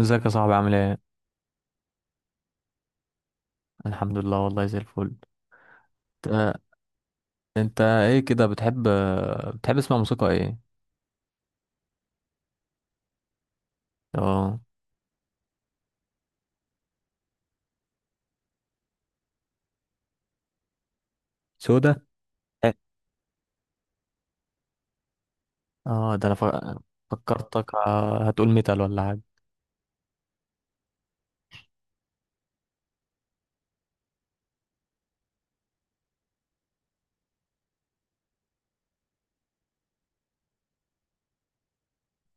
ازيك يا صاحبي عامل ايه؟ الحمد لله والله زي الفل. آه، انت ايه كده بتحب بتحب تسمع موسيقى ايه؟ اه. سودا. اه ده فكرتك هتقول ميتال ولا حاجة.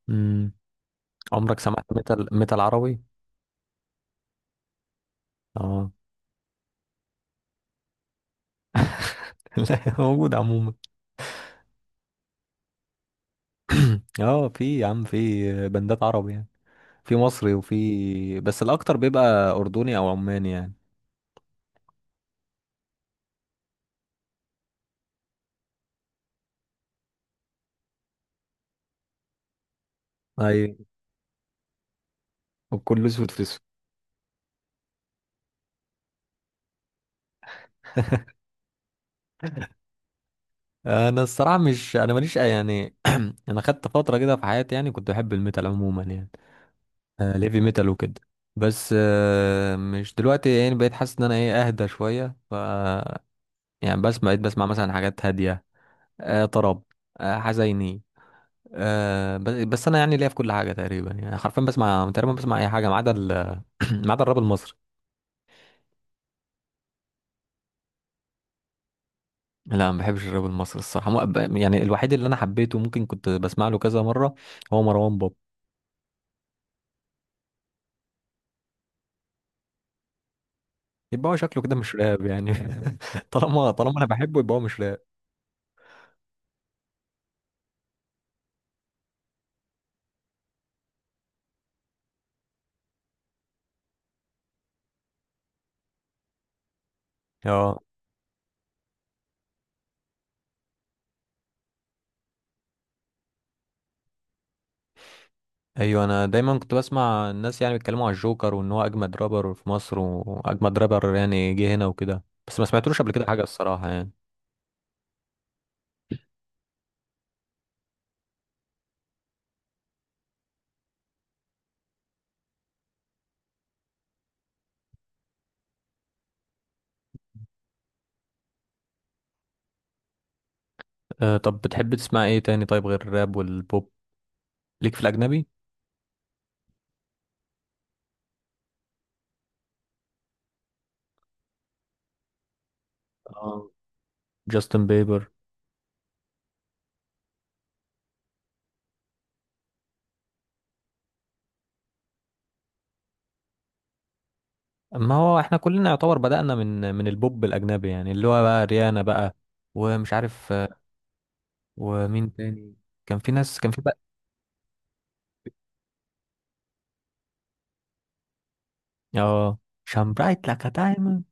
امم عمرك سمعت ميتال ميتال عربي؟ اه. لا موجود عموما. اه في يا عم في بندات عربي يعني، في مصري وفي بس الاكتر بيبقى اردني او عماني يعني. ايوه وكله اسود في اسود. انا الصراحه مش انا يعني، انا خدت فتره كده في حياتي يعني كنت بحب الميتال عموما يعني، ليفي ميتال وكده. بس مش دلوقتي يعني بقيت حاسس ان انا ايه اهدى شويه ف يعني بقيت بسمع مثلا حاجات هاديه، طرب، حزيني. بس انا يعني ليا في كل حاجه تقريبا، يعني حرفيا تقريبا بسمع اي حاجه ما عدا ما عدا الراب المصري. لا ما بحبش الراب المصري الصراحه يعني الوحيد اللي انا حبيته ممكن كنت بسمع له كذا مره هو مروان بابلو. يبقى هو شكله كده مش راب يعني. طالما انا بحبه يبقى هو مش راب. اه. ايوه انا دايما كنت بسمع الناس يعني بيتكلموا على الجوكر وان هو اجمد رابر في مصر واجمد رابر يعني جه هنا وكده، بس ما سمعتلوش قبل كده حاجه الصراحه يعني. أه طب بتحب تسمع ايه تاني طيب غير الراب والبوب؟ ليك في الاجنبي؟ اه جاستن بيبر. ما هو احنا كلنا يعتبر بدأنا من البوب الاجنبي، يعني اللي هو بقى ريانا بقى ومش عارف، ومين تاني؟ كان في ناس كان في بقى. اه شان برايت لايك دايموند.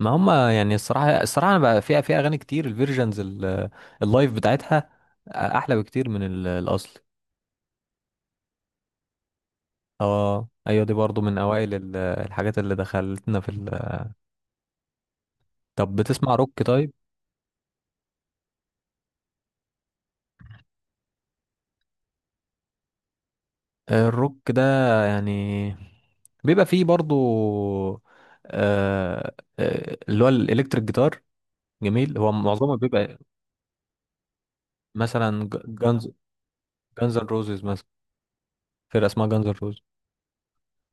ما هم يعني الصراحة الصراحة أنا بقى فيها في أغاني كتير الفيرجنز اللايف بتاعتها أحلى بكتير من الأصل. اه أيوة دي برضو من أوائل الحاجات اللي دخلتنا في ال... طب بتسمع روك طيب؟ الروك ده يعني بيبقى فيه برضو، اللي هو الإلكتريك جيتار. جميل هو معظمه بيبقى مثلا جانز، جانز روزز مثلا. فرقة اسمها جانز روز.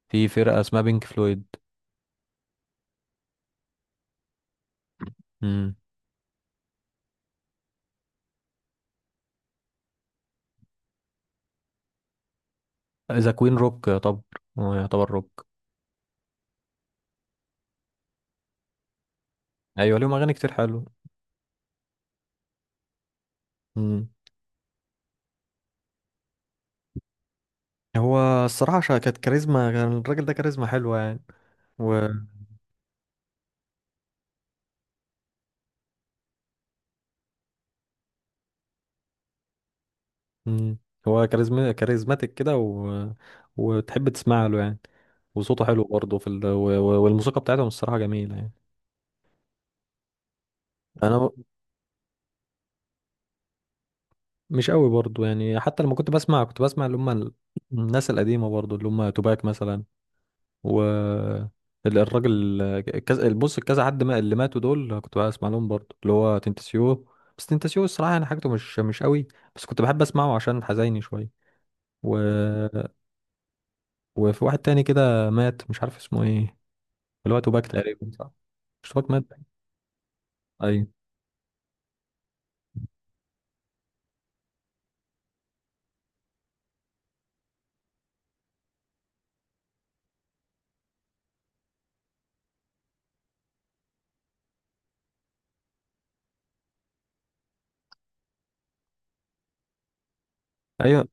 في فرقة اسمها بينك فلويد. ذا كوين روك طب، هو يعتبر روك. ايوه ليهم اغاني كتير حلوه. امم هو الصراحه كانت كاريزما، كان الراجل ده كاريزما حلوه يعني و مم. هو كاريزما كاريزماتيك كده و... وتحب تسمع له يعني، وصوته حلو برضه في ال... و... والموسيقى بتاعتهم الصراحه جميله يعني. انا ب- مش قوي برضه يعني، حتى لما كنت بسمع كنت بسمع اللي هم الناس القديمه برضه اللي هم توباك مثلا، و الراجل كذا بص كذا حد ما اللي ماتوا دول كنت بسمع لهم برضه اللي هو تنتسيو. بس تنتسيو الصراحة يعني حاجته مش قوي، بس كنت بحب اسمعه عشان حزيني شوية و... وفي واحد تاني كده مات مش عارف اسمه ايه، اللي هو توباك تقريبا صح؟ مش توباك مات؟ ايوه ايوه.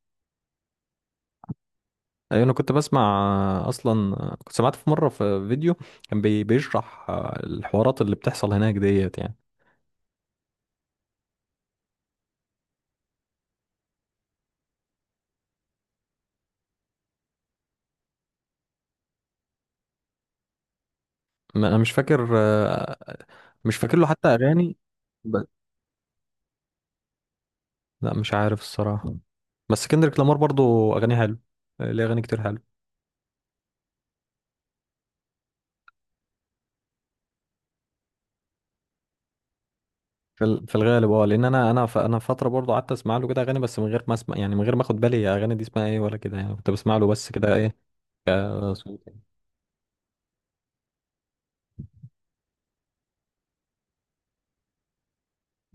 ايوه انا كنت بسمع اصلا، كنت سمعت في مرة في فيديو كان بي... بيشرح الحوارات اللي بتحصل هناك ديت يعني. ما- انا مش فاكر، مش فاكر له حتى اغاني. لا مش عارف الصراحة، بس كندريك لامار برضو أغانيه حلو، ليه أغاني كتير حلو. في ال- في الغالب اه، لأن أنا أنا فترة برضو قعدت أسمع له كده أغاني بس من غير ما أسمع يعني، من غير ما أخد بالي هي أغاني دي اسمها إيه ولا كده، يعني كنت بسمع له بس كده إيه كصوت يعني.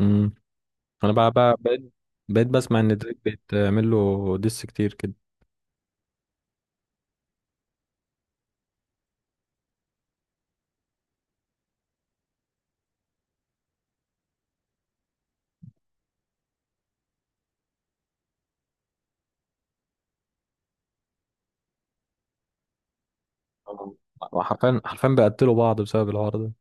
امم أنا بقى بقيت بسمع إن دريك بيتعمل له ديس كتير كده. آه. وحرفيا حرفيا بيقتلوا بعض بسبب الحوار ده.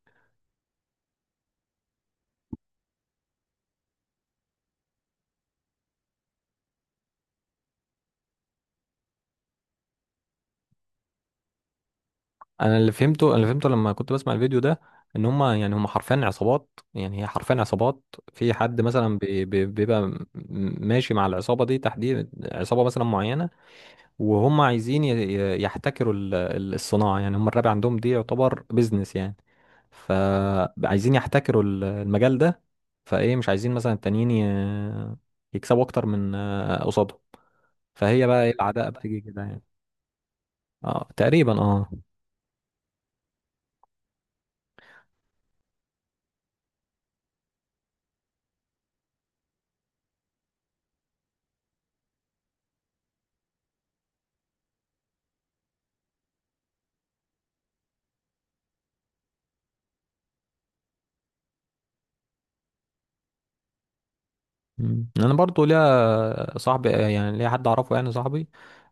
انا اللي فهمته، انا اللي فهمته لما كنت بسمع الفيديو ده ان هم يعني هم حرفيا عصابات، يعني هي حرفيا عصابات. في حد مثلا بيبقى ماشي مع العصابه دي تحديد، عصابه مثلا معينه وهم عايزين يحتكروا الصناعه، يعني هم الراب عندهم دي يعتبر بيزنس يعني، فعايزين يحتكروا المجال ده. فايه مش عايزين مثلا التانيين ي- يكسبوا اكتر من قصادهم. فهي بقى ايه العداء بتيجي كده يعني. اه تقريبا اه. مم. انا برضو ليا صاحبي، يعني ليا حد اعرفه يعني، صاحبي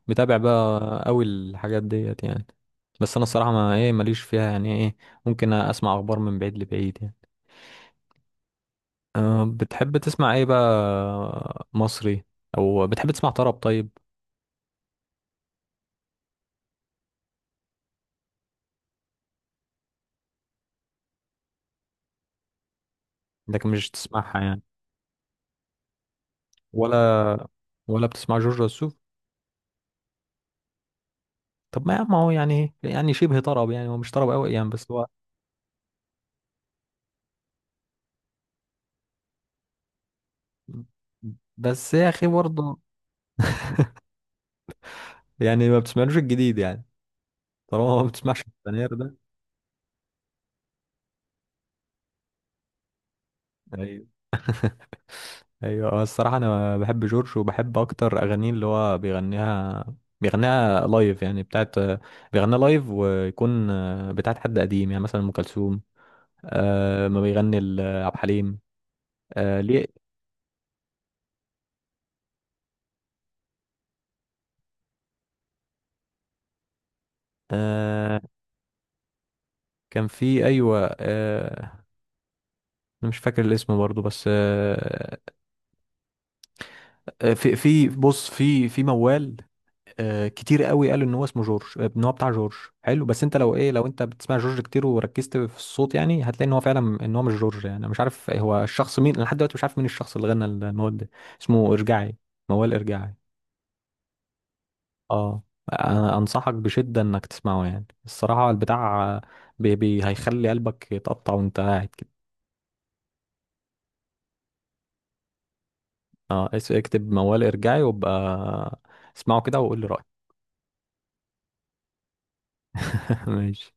متابع بقى قوي الحاجات ديت يعني. بس انا الصراحه ما ايه ماليش فيها يعني ايه، ممكن اسمع اخبار من بعيد لبعيد يعني. أه بتحب تسمع ايه بقى مصري؟ او بتحب تسمع طرب طيب؟ لكن مش تسمعها يعني؟ ولا ولا بتسمع جورج وسوف؟ طب ما يا عم هو يعني يعني شبه طرب يعني، هو مش طرب قوي يعني بس هو، بس يا اخي برضه يعني ما بتسمعلوش الجديد يعني؟ طالما ما بتسمعش الفنير ده. ايوه ايوه. هو الصراحه انا بحب جورج، وبحب اكتر اغانيه اللي هو بيغنيها، بيغنيها لايف يعني، بتاعت بيغنيها لايف ويكون بتاعت حد قديم يعني مثلا ام كلثوم، آه ما بيغني عبد الحليم. آه ليه. آه كان في ايوه آه، انا مش فاكر الاسم برضو بس آه، في في بص في في موال، كتير قوي قالوا ان هو اسمه جورج، ان هو بتاع جورج. حلو بس انت لو ايه، لو انت بتسمع جورج كتير وركزت في الصوت يعني هتلاقي ان هو فعلا ان هو مش جورج، يعني انا مش عارف هو الشخص مين، انا لحد دلوقتي مش عارف مين الشخص اللي غنى المواد ده. اسمه ارجعي، موال ارجعي. اه. انا انصحك بشدة انك تسمعه يعني، الصراحة البتاع بي هيخلي قلبك يتقطع وانت قاعد كده. اه اكتب موال ارجعي وابقى اسمعه كده وقول لي رأيك. ماشي.